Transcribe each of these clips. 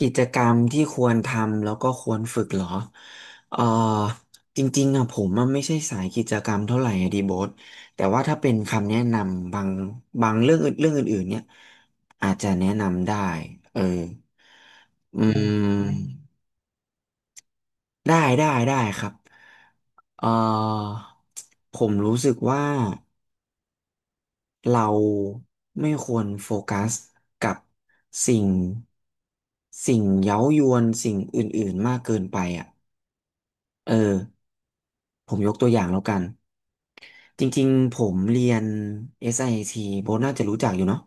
กิจกรรมที่ควรทำแล้วก็ควรฝึกเหรอ เอ่อจริงๆอะผมอะไม่ใช่สายกิจกรรมเท่าไหร่อะดีโบทแต่ว่าถ้าเป็นคำแนะนำบางเรื่องอื่นเรื่องอื่นๆเนี่ยอาจจะแนะนำได้ เออ อืมมได้ครับ เอ่อผมรู้สึกว่าเราไม่ควรโฟกัสกับสิ่งสิ่งเย้ายวนสิ่งอื่นๆมากเกินไปอ่ะ เออผมยกตัวอย่างแล้วกันจริงๆผมเรียน SIT โบทน่าจะรู้จักอยู่เนาะ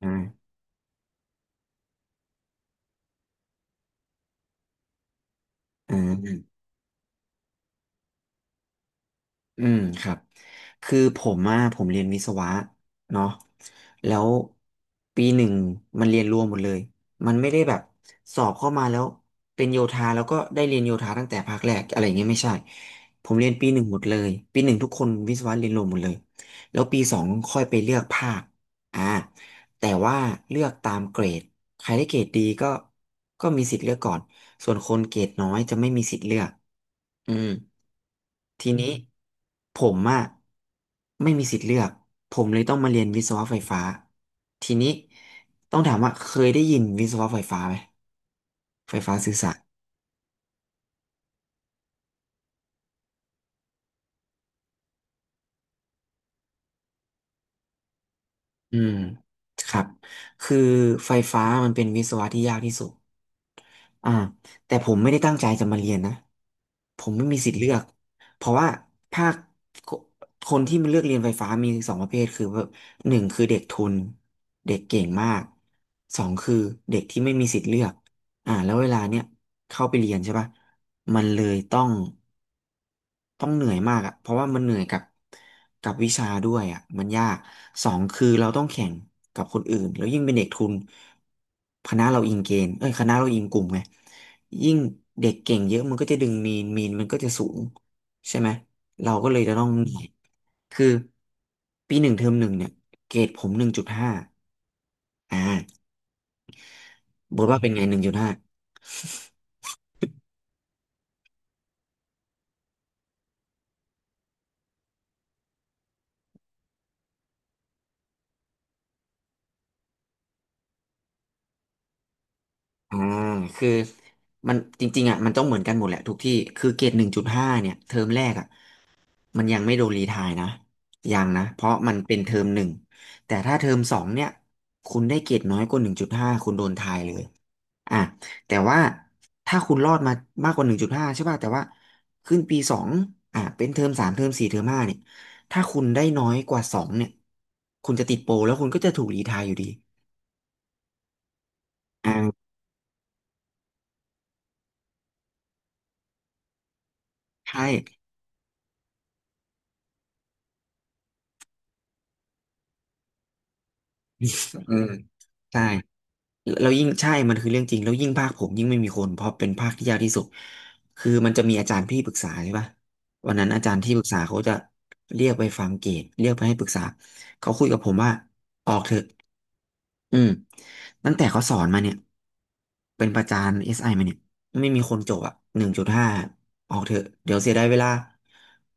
อ่าอ่า อืมครับคือผมอะผมเรียนวิศวะเนาะแล้วปีหนึ่งมันเรียนรวมหมดเลยมันไม่ได้แบบสอบเข้ามาแล้วเป็นโยธาแล้วก็ได้เรียนโยธาตั้งแต่ภาคแรกอะไรอย่างเงี้ยไม่ใช่ผมเรียนปีหนึ่งหมดเลยปีหนึ่งทุกคนวิศวะเรียนรวมหมดเลยแล้วปีสองค่อยไปเลือกภาคอ่าแต่ว่าเลือกตามเกรดใครได้เกรดดีก็มีสิทธิ์เลือกก่อน ส่วนคนเกรดน้อยจะไม่มีสิทธิ์เลือกอืมทีนี้ผมอะไม่มีสิทธิ์เลือกผมเลยต้องมาเรียนวิศวะไฟฟ้าทีนี้ต้องถามว่าเคยได้ยินวิศวะไฟฟ้าไหมไฟฟ้าสื่อสาร อืมครับคือไฟฟ้ามันเป็นวิศวะที่ยากที่สุดอ่าแต่ผมไม่ได้ตั้งใจจะมาเรียนนะผมไม่มีสิทธิ์เลือกเพราะว่าภาคคคนที่มันเลือกเรียนไฟฟ้ามีสองประเภทคือแบบหนึ่งคือเด็กทุนเด็กเก่งมากสองคือเด็กที่ไม่มีสิทธิ์เลือกอ่าแล้วเวลาเนี้ยเข้าไปเรียนใช่ปะมันเลยต้องเหนื่อยมากอ่ะเพราะว่ามันเหนื่อยกับวิชาด้วยอ่ะมันยากสองคือเราต้องแข่งกับคนอื่นแล้วยิ่งเป็นเด็กทุนคณะเราอิงเกณฑ์เอ้ยคณะเราอิงกลุ่มไงยิ่งเด็กเก่งเยอะมันก็จะดึงมีนมันก็จะสูงใช่ไหมเราก็เลยจะต้องเหนื่อยคือปีหนึ่งเทอมหนึ่งเนี่ยเกรดผมหนึ่งจุดห้าอ่าบอกว่าเป็นไงหนึ่งจุดห้า อ่าคือมันจริงๆอ่ะมันต้องเหมือนกันหมดแหละทุกที่คือเกรดหนึ่งจุดห้าเนี่ยเทอมแรกอ่ะมันยังไม่โดนรีไทร์นะยังนะเพราะมันเป็นเทอมหนึ่งแต่ถ้าเทอมสองเนี่ยคุณได้เกรดน้อยกว่าหนึ่งจุดห้าคุณโดนไทร์เลยอ่ะแต่ว่าถ้าคุณรอดมามากกว่าหนึ่งจุดห้าใช่ป่ะแต่ว่าขึ้นปีสองอ่ะเป็นเทอมสามเทอมสี่เทอมห้าเนี่ยถ้าคุณได้น้อยกว่าสองเนี่ยคุณจะติดโปรแล้วคุณก็จะถูกรีไทร์อยู่ดีอ่าใช่เออใช่ แล้วยิ่งใช่มันคือเรื่องจริงแล้วยิ่งภาคผมยิ่งไม่มีคน เพราะเป็นภาคที่ยากที่สุดคือมันจะมีอาจารย์ที่ปรึกษาใช่ปะวันนั้นอาจารย์ที่ปรึกษาเขาจะเรียกไปฟังเกรดเรียกไปให้ปรึกษาเขาคุยกับผมว่าออกเถอะอืมตั้งแต่เขาสอนมาเนี่ยเป็นประจานเอสไอมาเนี่ยไม่มีคนจบอ่ะหนึ่งจุดห้าออกเถอะเดี๋ยวเสียดายเวลา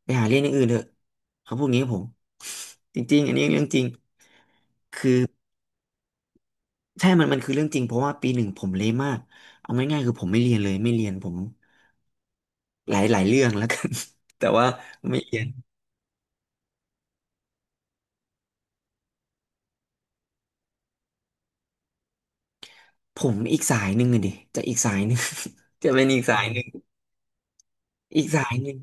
ไปหาเรียนอย่างอื่นเถอะเขาพูดงี้กับผม จริงๆอันนี้เรื่องจริง ใช่มันคือเรื่องจริงเพราะว่าปีหนึ่งผมเละมากเอาง่ายๆคือผมไม่เรียนเลยไม่เรียนผมหลายเรื่องแล้วกัน แต่ว่าไม่เรียนผมอีกสายหนึ่งอะดิจะอีกสายหนึ่ง จะเป็นอีกสายหนึ่งอีกสายหนึ่ง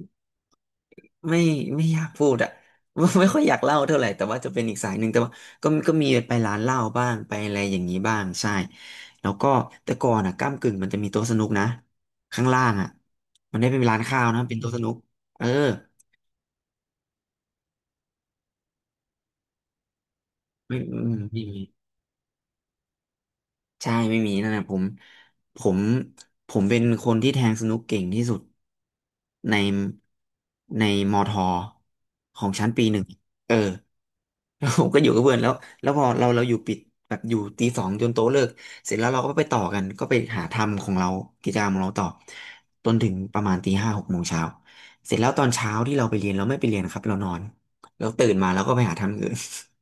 ไม่ไม่อยากพูดอะ ไม่ค่อยอยากเล่าเท่าไหร่แต่ว่าจะเป็นอีกสายหนึ่งแต่ว่าก็มีไปร้านเหล้าบ้างไปอะไรอย่างนี้บ้างใช่แล้วก็แต่ก่อนอะก้ำกึ่งมันจะมีโต๊ะสนุกนะข้างล่างอะมันได้เป็นร้านข้าวนะเป็นโต๊ะสนุกเออไม่ไม่มี ใช่ไม่มีนั่นนะผมผมผมเป็นคนที่แทงสนุกเก่งที่สุดในในมอทอของชั้นปีหนึ่งเออแล้วผมก็อยู่กับเพื่อนแล้วแล้วพอเราอยู่ปิดแบบอยู่ตีสองจนโต๊ะเลิกเสร็จแล้วเราก็ไปต่อกันก็ไปหาทำของเรากิจกรรมของเราต่อจนถึงประมาณตีห้าหกโมงเช้าเสร็จแล้วตอนเช้าที่เราไปเรียนเราไม่ไปเรียนนะครับเรานอนแล้วตื่นมาเราก็ไปหาทำอย่างอื่น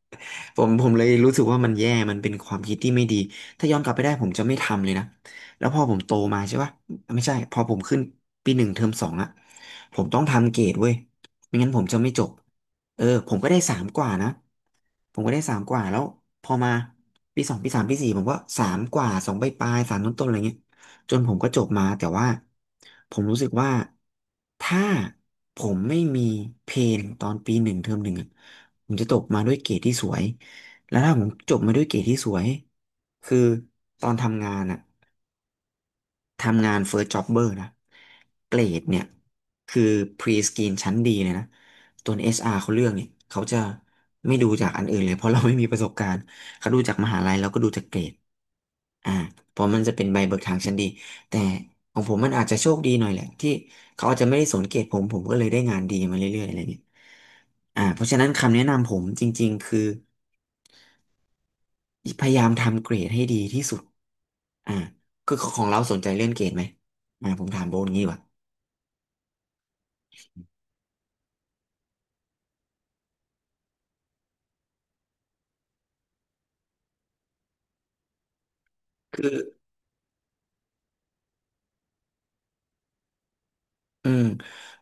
ผมเลยรู้สึกว่ามันแย่มันเป็นความคิดที่ไม่ดี ถ้าย้อนกลับไปได้ผมจะไม่ทำเลยนะแล้วพอผมโตมาใช่ปะไม่ใช่พอผมขึ้นปีหนึ่งเทอมสองอะผมต้องทำเกรดเว้ยไม่งั้นผมจะไม่จบเออผมก็ได้สามกว่านะผมก็ได้สามกว่าแล้วพอมาปีสองปีสามปีสี่ผมก็สามกว่าสองปลายปลายสามต้นต้นๆอะไรเงี้ย จนผมก็จบมาแต่ว่าผมรู้สึกว่าถ้าผมไม่มีเพนตอนปีหนึ่งเทอมหนึ่งอะผมจะจบมาด้วยเกรดที่สวยแล้วถ้าผมจบมาด้วยเกรดที่สวยคือตอนทำงานอะ ทำงาน First Jobber นะเกรดเนี่ยคือ Pre-screen ชั้นดีเลยนะตัวเอสอาร เขาเลือกเนี่ยเขาจะไม่ดูจากอันอื่นเลยเพราะเราไม่มีประสบการณ์เขาดูจากมหาลัยแล้วก็ดูจากเกรดอ่าเพราะมันจะเป็นใบเบิกทางชั้นดีแต่ของผมมันอาจจะโชคดีหน่อยแหละที่เขาอาจจะไม่ได้สนเกรดผมก็เลยได้งานดีมาเรื่อยๆอะไรเงี้ยอ่าเพราะฉะนั้นคำแนะนำผมจริงๆคือ พยายามทำเกรดให้ดีที่สุดอ่าคือของเราสนใจเรื่องเกรดไหมอ่าผมถามโบนงี้ดีกว่าคืออืม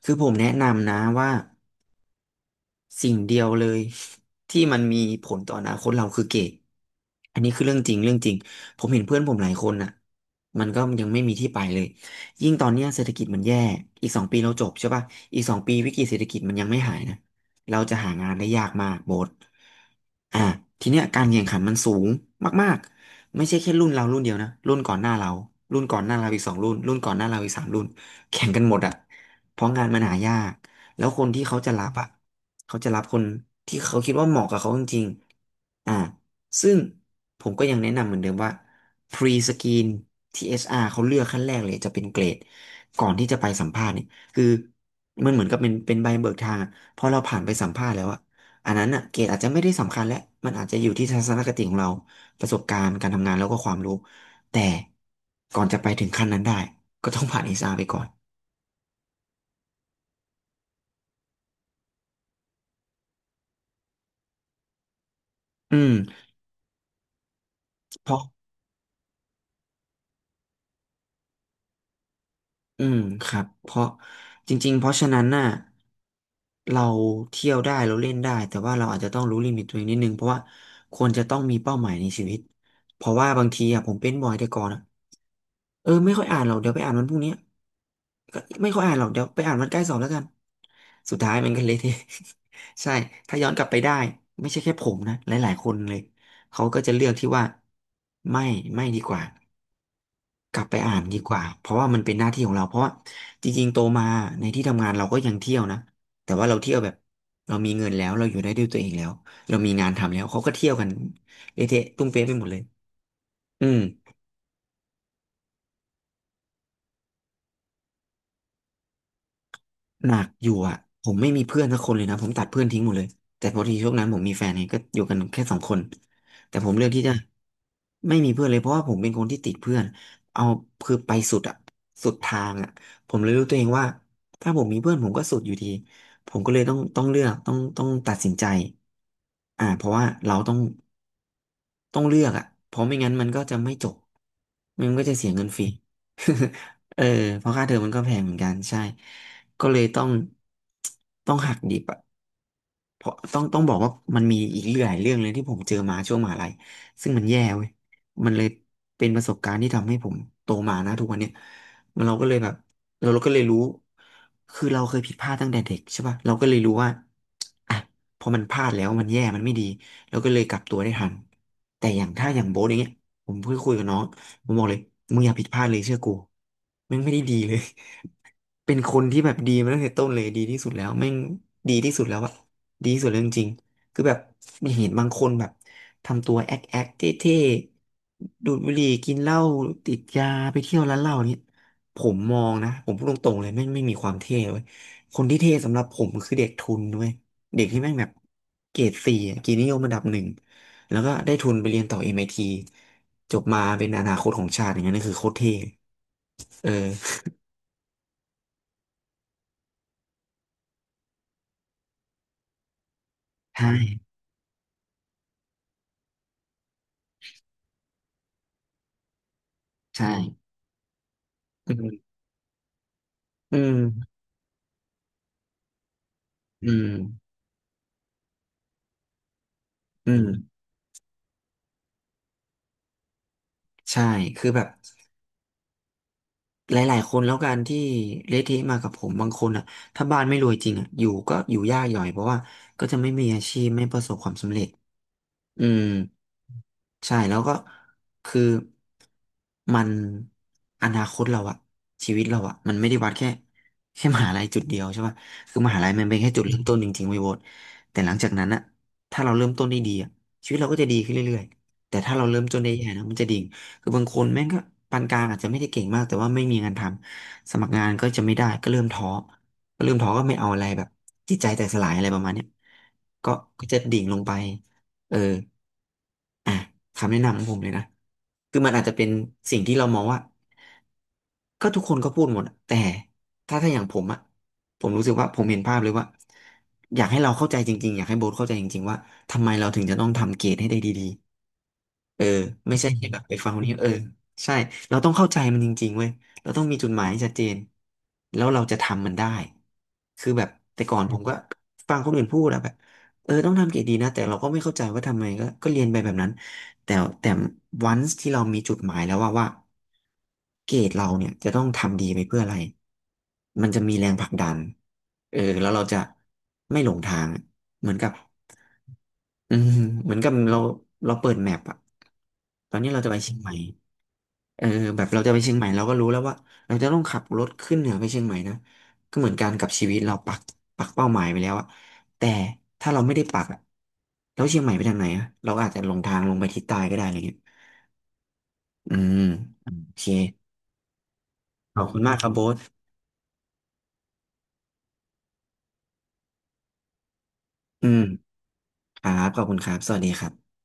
คือผมแนะนำนะว่า สิ่งเดียวเลยที่มันมีผลต่ออนาคตเราคือเกรดอันนี้คือเรื่องจริงเรื่องจริงผมเห็นเพื่อนผมหลายคนน่ะมันก็ยังไม่มีที่ไปเลยยิ่งตอนเนี้ยเศรษฐกิจมันแย่ อีกสองปีเราจบใช่ป่ะอีกสองปีวิกฤตเศรษฐกิจมันยังไม่หายนะเราจะหางานได้ยากมากโบสอ่ะ ทีเนี้ยการแข่งขันมันสูงมากๆไม่ใช่แค่รุ่นเรารุ่นเดียวนะรุ่นก่อนหน้าเรารุ่นก่อนหน้าเราอีกสองรุ่นรุ่นก่อนหน้าเราอีกสามรุ่นแข่งกันหมดอ่ะเพราะงานมันหายาก แล้วคนที่เขาจะรับอ่ะเขาจะรับคนที่เขาคิดว่าเหมาะกับเขาจริงๆอ่าซึ่งผมก็ยังแนะนำเหมือนเดิมว่า pre screen าร เขาเลือกขั้นแรกเลยจะเป็นเกรดก่อนที่จะไปสัมภาษณ์เนี่ยคือมันเหมือนกับเป็นใบเบิกทางอะพอเราผ่านไปสัมภาษณ์แล้วอ่ะอันนั้นอ่ะเกรดอาจจะไม่ได้สำคัญแล้วมันอาจจะอยู่ที่ทัศนคติของเราประสบการณ์การทำงานแล้วก็ความรู้แต่ก่อนจะไปถึงขั้นนั้นได้ก็ต้องผ่านเอชอาร ไปก่อนอืมเพราะ อืมครับเพราะจริงๆเพราะฉะนั้นน่ะเราเที่ยวได้เราเล่นได้แต่ว่าเราอาจจะต้องรู้ลิมิตตัวเองนิดนึงเพราะว่าควรจะต้องมีเป้าหมายในชีวิตเพราะว่าบางทีอ่ะผมเป็นบ่อยแต่ก่อนอ่ะเออไม่ค่อยอ่านหรอกเดี๋ยวไปอ่านวันพรุ่งนี้ก็ไม่ค่อยอ่านหรอกเดี๋ยวไปอ่านวันใกล้สอบแล้วกันสุดท้ายมันก็เละเทะ ใช่ถ้าย้อนกลับไปได้ไม่ใช่แค่ผมนะหลายๆคนเลยเขาก็จะเลือกที่ว่าไม่ไม่ดีกว่า กลับไปอ่านดีกว่าเพราะว่ามันเป็นหน้าที่ของเราเพราะว่าจริงๆโตมาในที่ทำงานเราก็ยังเที่ยวนะแต่ว่าเราเที่ยวแบบเรามีเงินแล้วเราอยู่ได้ด้วยตัวเองแล้วเรามีงานทำแล้วเขาก็เที่ยวกันเละเทะตุ้มเป๊ะไปหมดเลยอืม หนักอยู่อ่ะผมไม่มีเพื่อนสักคนเลยนะผมตัดเพื่อนทิ้งหมดเลยแต่พอดีช่วงนั้นผมมีแฟนไงก็อยู่กันแค่สองคนแต่ผมเลือกที่จะไม่มีเพื่อนเลยเพราะว่าผมเป็นคนที่ติดเพื่อนเอาคือไปสุดอ่ะสุดทางอ่ะผมเลยรู้ตัวเองว่าถ้าผมมีเพื่อนผมก็สุดอยู่ดีผมก็เลยต้องเลือกต้องตัดสินใจอ่าเพราะว่าเราต้อง ต้องเลือกอ่ะเพราะไม่งั้นมันก็จะไม่จบ มันก็จะเสียเงินฟรี เออ เพราะค่าเทอมมันก็แพงเหมือนกันใช่ ก็เลยต้องหักดิบอ่ะ เพราะต้องบอกว่ามันมีอีกหลายเรื่องเลยที่ผมเจอมาช่วงมหาลัยซึ่งมันแย่เว้ยมันเลยเป็นประสบการณ์ที่ทำให้ผมโตมานะทุกวันเนี้ยมันเราก็เลยแบบเราก็เลยรู้คือเราเคยผิดพลาดตั้งแต่เด็กใช่ป่ะเราก็เลยรู้ว่าอ่ะพอมันพลาดแล้วมันแย่มันไม่ดีเราก็เลยกลับตัวได้ทันแต่อย่างถ้าอย่างโบ๊ทอย่างเงี้ยผมเพิ่งคุยกับน้องผมบอกเลยมึงอย่าผิดพลาดเลยเชื่อกูแม่งไม่ได้ดีเลย เป็นคนที่แบบดีมาตั้งแต่ต้นเลยดีที่สุดแล้วแม่งดีที่สุดแล้วอะ ดีที่สุดเลยจริงๆคือแบบมีเห็นบางคนแบบทำตัวแอ๊กแอ๊กเท่ๆดูดบุหรี่กินเหล้าติดยาไปเที่ยวร้านเหล้าเนี่ยผมมองนะผมพูดตรงๆเลยไม่มีความเท่เว้ยคนที่เท่สำหรับผมคือเด็กทุนด้วยเด็กที่แม่งแบบเกรดสี่อะเกียรตินิยมระดับหนึ่งแล้วก็ได้ทุนไปเรียนต่อ MIT จบมาเป็นอนาคตของชาติอย่างนั้นนี่นคือโคตรเท่เออใช่ใช่อืมอืมอืมอืมใช่คือแบบ หลายๆคนแล้วกันที่เละเทะมากับผมบางคนอ่ะถ้าบ้านไม่รวยจริงอ่ะอยู่ก็อยู่ยากหย่อยเพราะว่าก็จะไม่มีอาชีพไม่ประสบความสำเร็จอืม ใช่แล้วก็คือมันอนาคตเราอะชีวิตเราอะมันไม่ได้วัดแค่แค่มหาลัยจุดเดียวใช่ป่ะคือมหาลัยมันเป็นแค่จุดเริ่มต้นจริงๆเว้ยโบ๊ทแต่หลังจากนั้นอะถ้าเราเริ่มต้นได้ดีอะชีวิตเราก็จะดีขึ้นเรื่อยๆแต่ถ้าเราเริ่มต้นได้แย่นะมันจะดิ่งคือบางคนแม่งก็ปานกลางอาจจะไม่ได้เก่งมากแต่ว่าไม่มีงานทำสมัครงานก็จะไม่ได้ก็เริ่มท้อก็ไม่เอาอะไรแบบจิตใจแตกสลายอะไรประมาณเนี้ยก็ก็จะดิ่งลงไปเออ อ่ะคำแนะนำของผมเลยนะคือมันอาจจะเป็นสิ่งที่เรามองว่าก็ทุกคนก็พูดหมดอะแต่ถ้าอย่างผมอะผมรู้สึกว่าผมเห็นภาพเลยว่าอยากให้เราเข้าใจจริงๆอยากให้โบ๊ทเข้าใจจริงๆว่าทำไมเราถึงจะต้องทำเกรดให้ได้ดี เออไม่ใช่แค่แบบไปฟังคนนี้เออใช่เราต้องเข้าใจมันจริงๆเว้ยเราต้องมีจุดหมายที่ชัดเจนแล้วเราจะทำมันได้คือแบบแต่ก่อนผมก็ฟังคนอื่นพูดแล้วแบบเออต้องทำเกรดดีนะแต่เราก็ไม่เข้าใจว่าทำไมก็เรียนไปแบบนั้นแต่แต่วันที่เรามีจุดหมายแล้วว่าเกรดเราเนี่ยจะต้องทำดีไปเพื่ออะไรมันจะมีแรงผลักดันเออแล้วเราจะไม่หลงทางเหมือนกับ อืมเหมือนกับเราเราเปิดแมปอะตอนนี้เราจะไปเชียงใหม่เออแบบเราจะไปเชียงใหม่เราก็รู้แล้วว่าเราจะต้องขับรถขึ้นเหนือไปเชียงใหม่นะก็เหมือนกันกับชีวิตเราปักเป้าหมายไปแล้วอะแต่ถ้าเราไม่ได้ปักอะแล้วเชียงใหม่ไปทางไหนอะเราอาจจะหลงทางลงไปทิศใต้ก็ได้อะไรเงี้ยอืมโอเคขอบคุณมากครับโบ๊ทอืมครับขอบคุณครับสวัสดีครับ